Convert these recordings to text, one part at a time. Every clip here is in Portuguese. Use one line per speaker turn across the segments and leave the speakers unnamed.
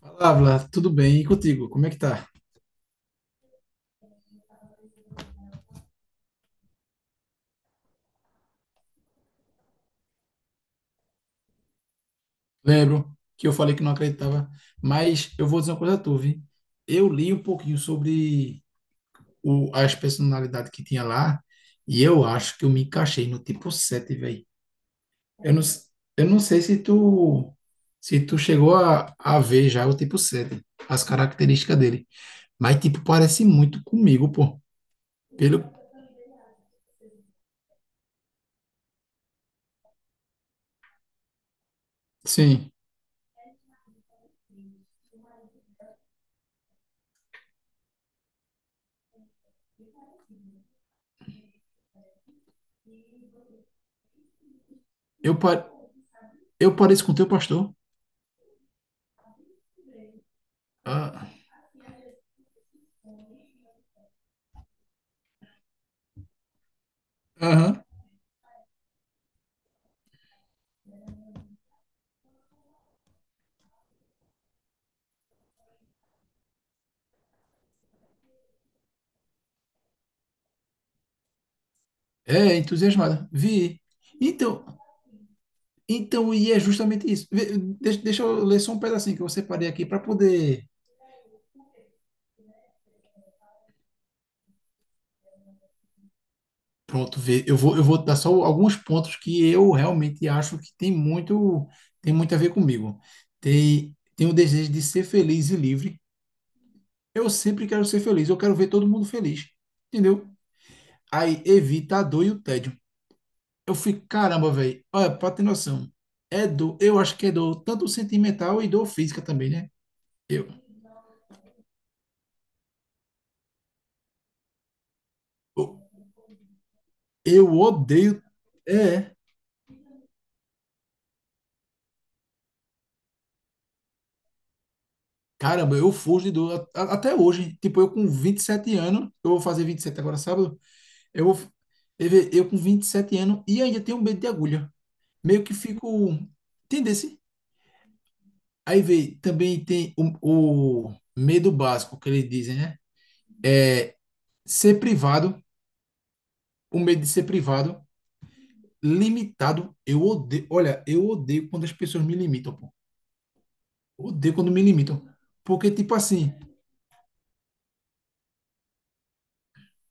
Fala, Vlad, tudo bem? E contigo, como é que tá? Lembro que eu falei que não acreditava, mas eu vou dizer uma coisa a tu, vi? Eu li um pouquinho sobre as personalidades que tinha lá e eu acho que eu me encaixei no tipo 7 velho. Eu não, s- eu não sei se tu, se tu chegou a ver já o tipo 7, as características dele, mas tipo parece muito comigo, pô. Pelo, sim, eu, pa- eu pareço com o teu pastor. Ah. Aham. É, entusiasmada. Vi. Então, então, e é justamente isso. Vê. Deixa eu ler só um pedacinho que eu separei aqui para poder. Pronto, ver. Eu vou dar só alguns pontos que eu realmente acho que tem muito a ver comigo. Tem o desejo de ser feliz e livre. Eu sempre quero ser feliz. Eu quero ver todo mundo feliz. Entendeu? Aí evita a dor e o tédio. Eu fico, caramba, velho. Olha, pra ter noção. É dor, eu acho que é dor tanto sentimental e dor física também, né? Eu. Eu odeio. É, caramba, eu fujo do. Até hoje, tipo, eu com 27 anos, eu vou fazer 27 agora sábado, eu vou. f- eu com 27 anos e ainda tenho medo de agulha. Meio que fico. Entendesse? Aí vê, também tem o medo básico que eles dizem, né? É Ser privado, o medo de ser privado, limitado. Eu odeio. Olha, eu odeio quando as pessoas me limitam, pô. Odeio quando me limitam. Porque, tipo assim.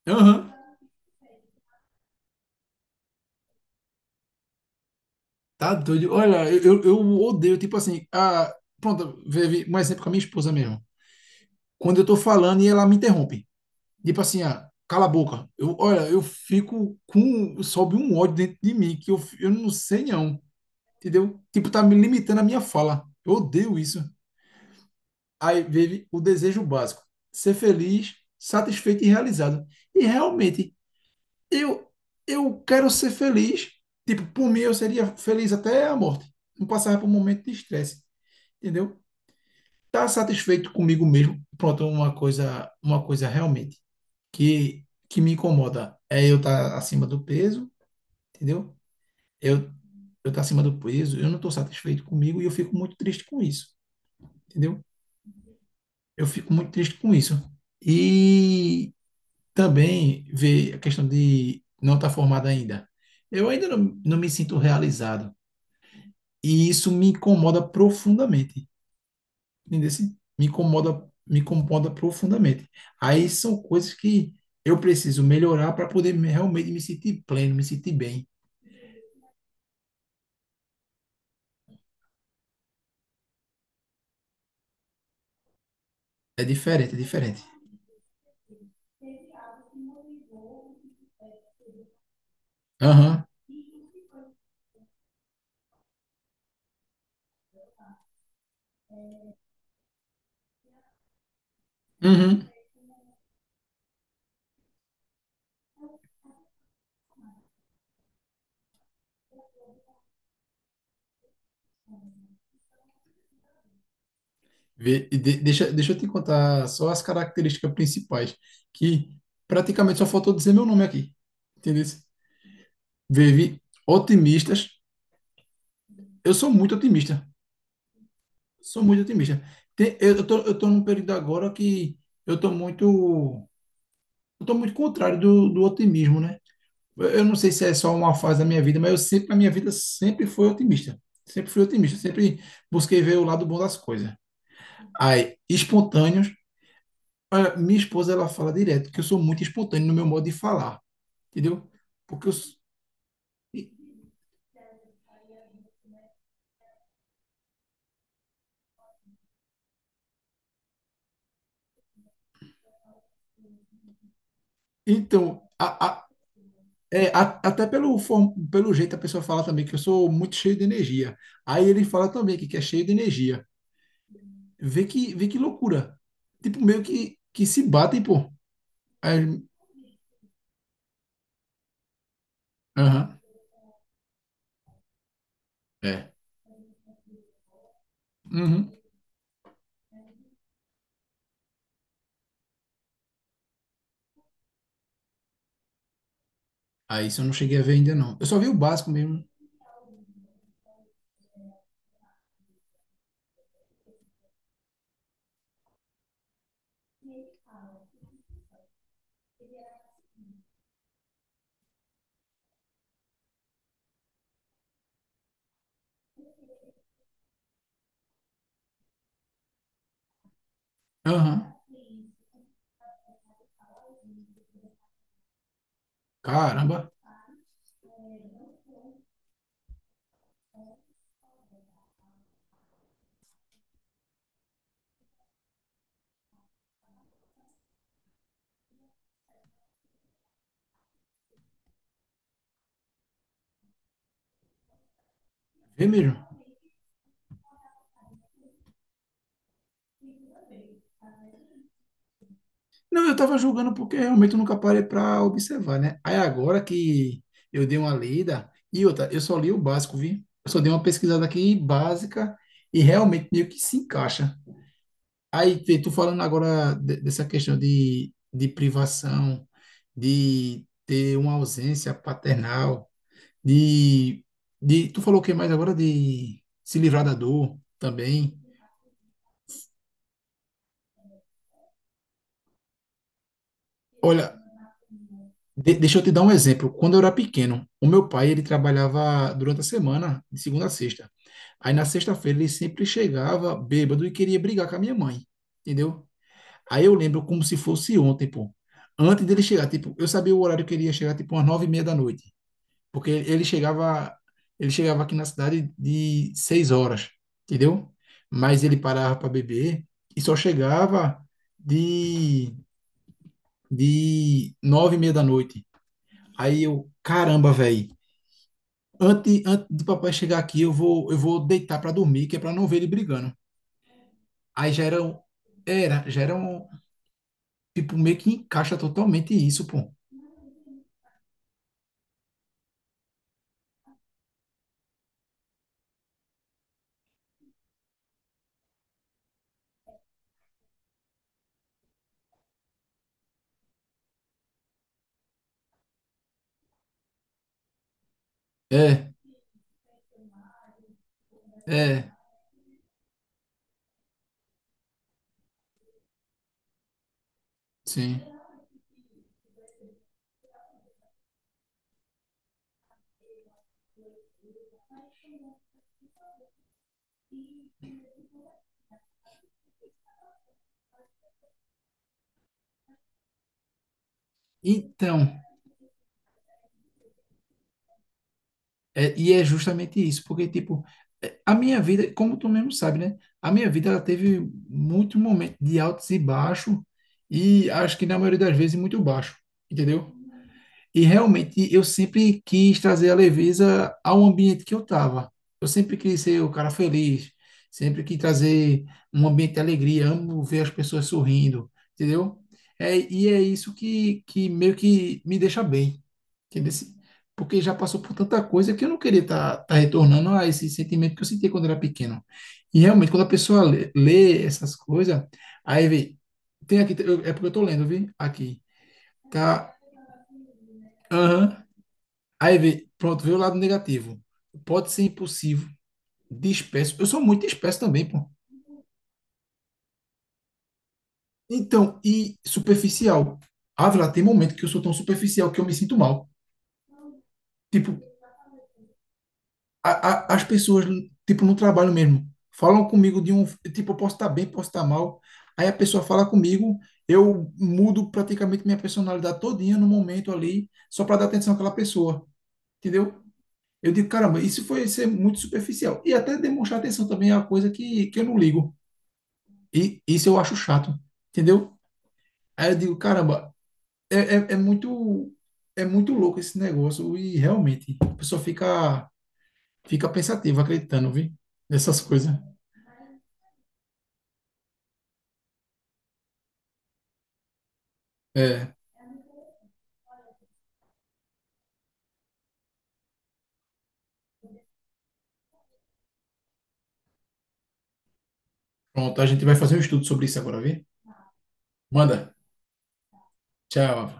Aham. Tá doido. Olha, eu odeio, tipo assim. Pronto, vive um exemplo com a minha esposa mesmo. Quando eu tô falando e ela me interrompe. Tipo assim, ah, cala a boca. Eu, olha, eu fico com, sobe um ódio dentro de mim que eu não sei não, entendeu? Tipo, tá me limitando a minha fala. Eu odeio isso. Aí vive o desejo básico, ser feliz, satisfeito e realizado. E realmente, eu, eu quero ser feliz. Tipo, por mim eu seria feliz até a morte. Não passava por um momento de estresse. Entendeu? Tá satisfeito comigo mesmo. Pronto, uma coisa realmente que que me incomoda é eu estar tá acima do peso, entendeu? Eu eu tá acima do peso, eu não estou satisfeito comigo e eu fico muito triste com isso, entendeu? Eu fico muito triste com isso. E também ver a questão de não estar formado ainda. Eu ainda não me sinto realizado e isso me incomoda profundamente. Entendeu? Assim. Me incomoda profundamente. Aí são coisas que eu preciso melhorar para poder realmente me sentir pleno, me sentir bem. É diferente, é diferente. Aham. Uhum. Deixa eu te contar só as características principais, que praticamente só faltou dizer meu nome aqui. Entendeu? Vive otimistas. Eu sou muito otimista. Sou muito otimista. Eu tô num período agora que eu tô muito eu tô muito contrário do otimismo, né? Eu não sei se é só uma fase da minha vida, mas eu sempre, a minha vida sempre foi otimista. Sempre fui otimista, sempre busquei ver o lado bom das coisas. Aí, espontâneos, olha, minha esposa ela fala direto que eu sou muito espontâneo no meu modo de falar, entendeu? Porque eu, s- e- então, Pelo jeito a pessoa fala também que eu sou muito cheio de energia. Aí ele fala também que é cheio de energia. Vê que loucura. Tipo, meio que se batem, pô. Aí, aham, é. Uhum. Ah, isso eu não cheguei a ver ainda, não. Eu só vi o básico mesmo. Aham. Caramba. Vê mesmo. Não, eu tava julgando porque realmente eu nunca parei pra observar, né? Aí agora que eu dei uma lida. E outra, eu só li o básico, vi? Eu só dei uma pesquisada aqui básica e realmente meio que se encaixa. Aí, vê, tu falando agora dessa questão de privação, de ter uma ausência paternal, de, de. Tu falou o que mais agora? De se livrar da dor também. Olha. Deixa eu te dar um exemplo. Quando eu era pequeno, o meu pai ele trabalhava durante a semana, de segunda a sexta. Aí na sexta-feira ele sempre chegava bêbado e queria brigar com a minha mãe, entendeu? Aí eu lembro como se fosse ontem, pô. Antes dele chegar, tipo, eu sabia o horário que ele ia chegar, tipo, umas 9:30 da noite, porque ele chegava aqui na cidade de 6 horas, entendeu? Mas ele parava para beber e só chegava de de 9:30 da noite. Aí eu, caramba, velho. Antes do papai chegar aqui, eu vou deitar pra dormir, que é pra não ver ele brigando. Aí já era um, tipo, meio que encaixa totalmente isso, pô. É, é, sim. Então, é, e é justamente isso, porque, tipo, é, a minha vida, como tu mesmo sabe, né? A minha vida, ela teve muito momento de altos e baixos, e acho que na maioria das vezes muito baixo, entendeu? E realmente eu sempre quis trazer a leveza ao ambiente que eu estava. Eu sempre quis ser o cara feliz, sempre quis trazer um ambiente de alegria, amo ver as pessoas sorrindo, entendeu? É, e é isso que meio que me deixa bem, entendeu? Porque já passou por tanta coisa que eu não queria estar tá retornando a esse sentimento que eu senti quando era pequeno. E realmente, quando a pessoa lê essas coisas, aí vê, tem aqui, é porque eu tô lendo, vi? Aqui, tá? Aham. Aí vê, pronto, veio o lado negativo. Pode ser impulsivo, disperso. Eu sou muito disperso também, pô. Então, e superficial. Ah, lá tem momento que eu sou tão superficial que eu me sinto mal. Tipo, a, as pessoas, tipo, no trabalho mesmo, falam comigo de um. Tipo, eu posso estar bem, posso estar mal. Aí a pessoa fala comigo, eu mudo praticamente minha personalidade todinha no momento ali, só para dar atenção àquela pessoa. Entendeu? Eu digo, caramba, isso foi ser muito superficial. E até demonstrar atenção também é uma coisa que eu não ligo. E isso eu acho chato, entendeu? Aí eu digo, caramba, é, é, é muito é muito louco esse negócio e realmente a pessoa fica pensativa acreditando, viu? Nessas coisas. É, pronto, a gente vai fazer um estudo sobre isso agora, viu? Manda. Tchau.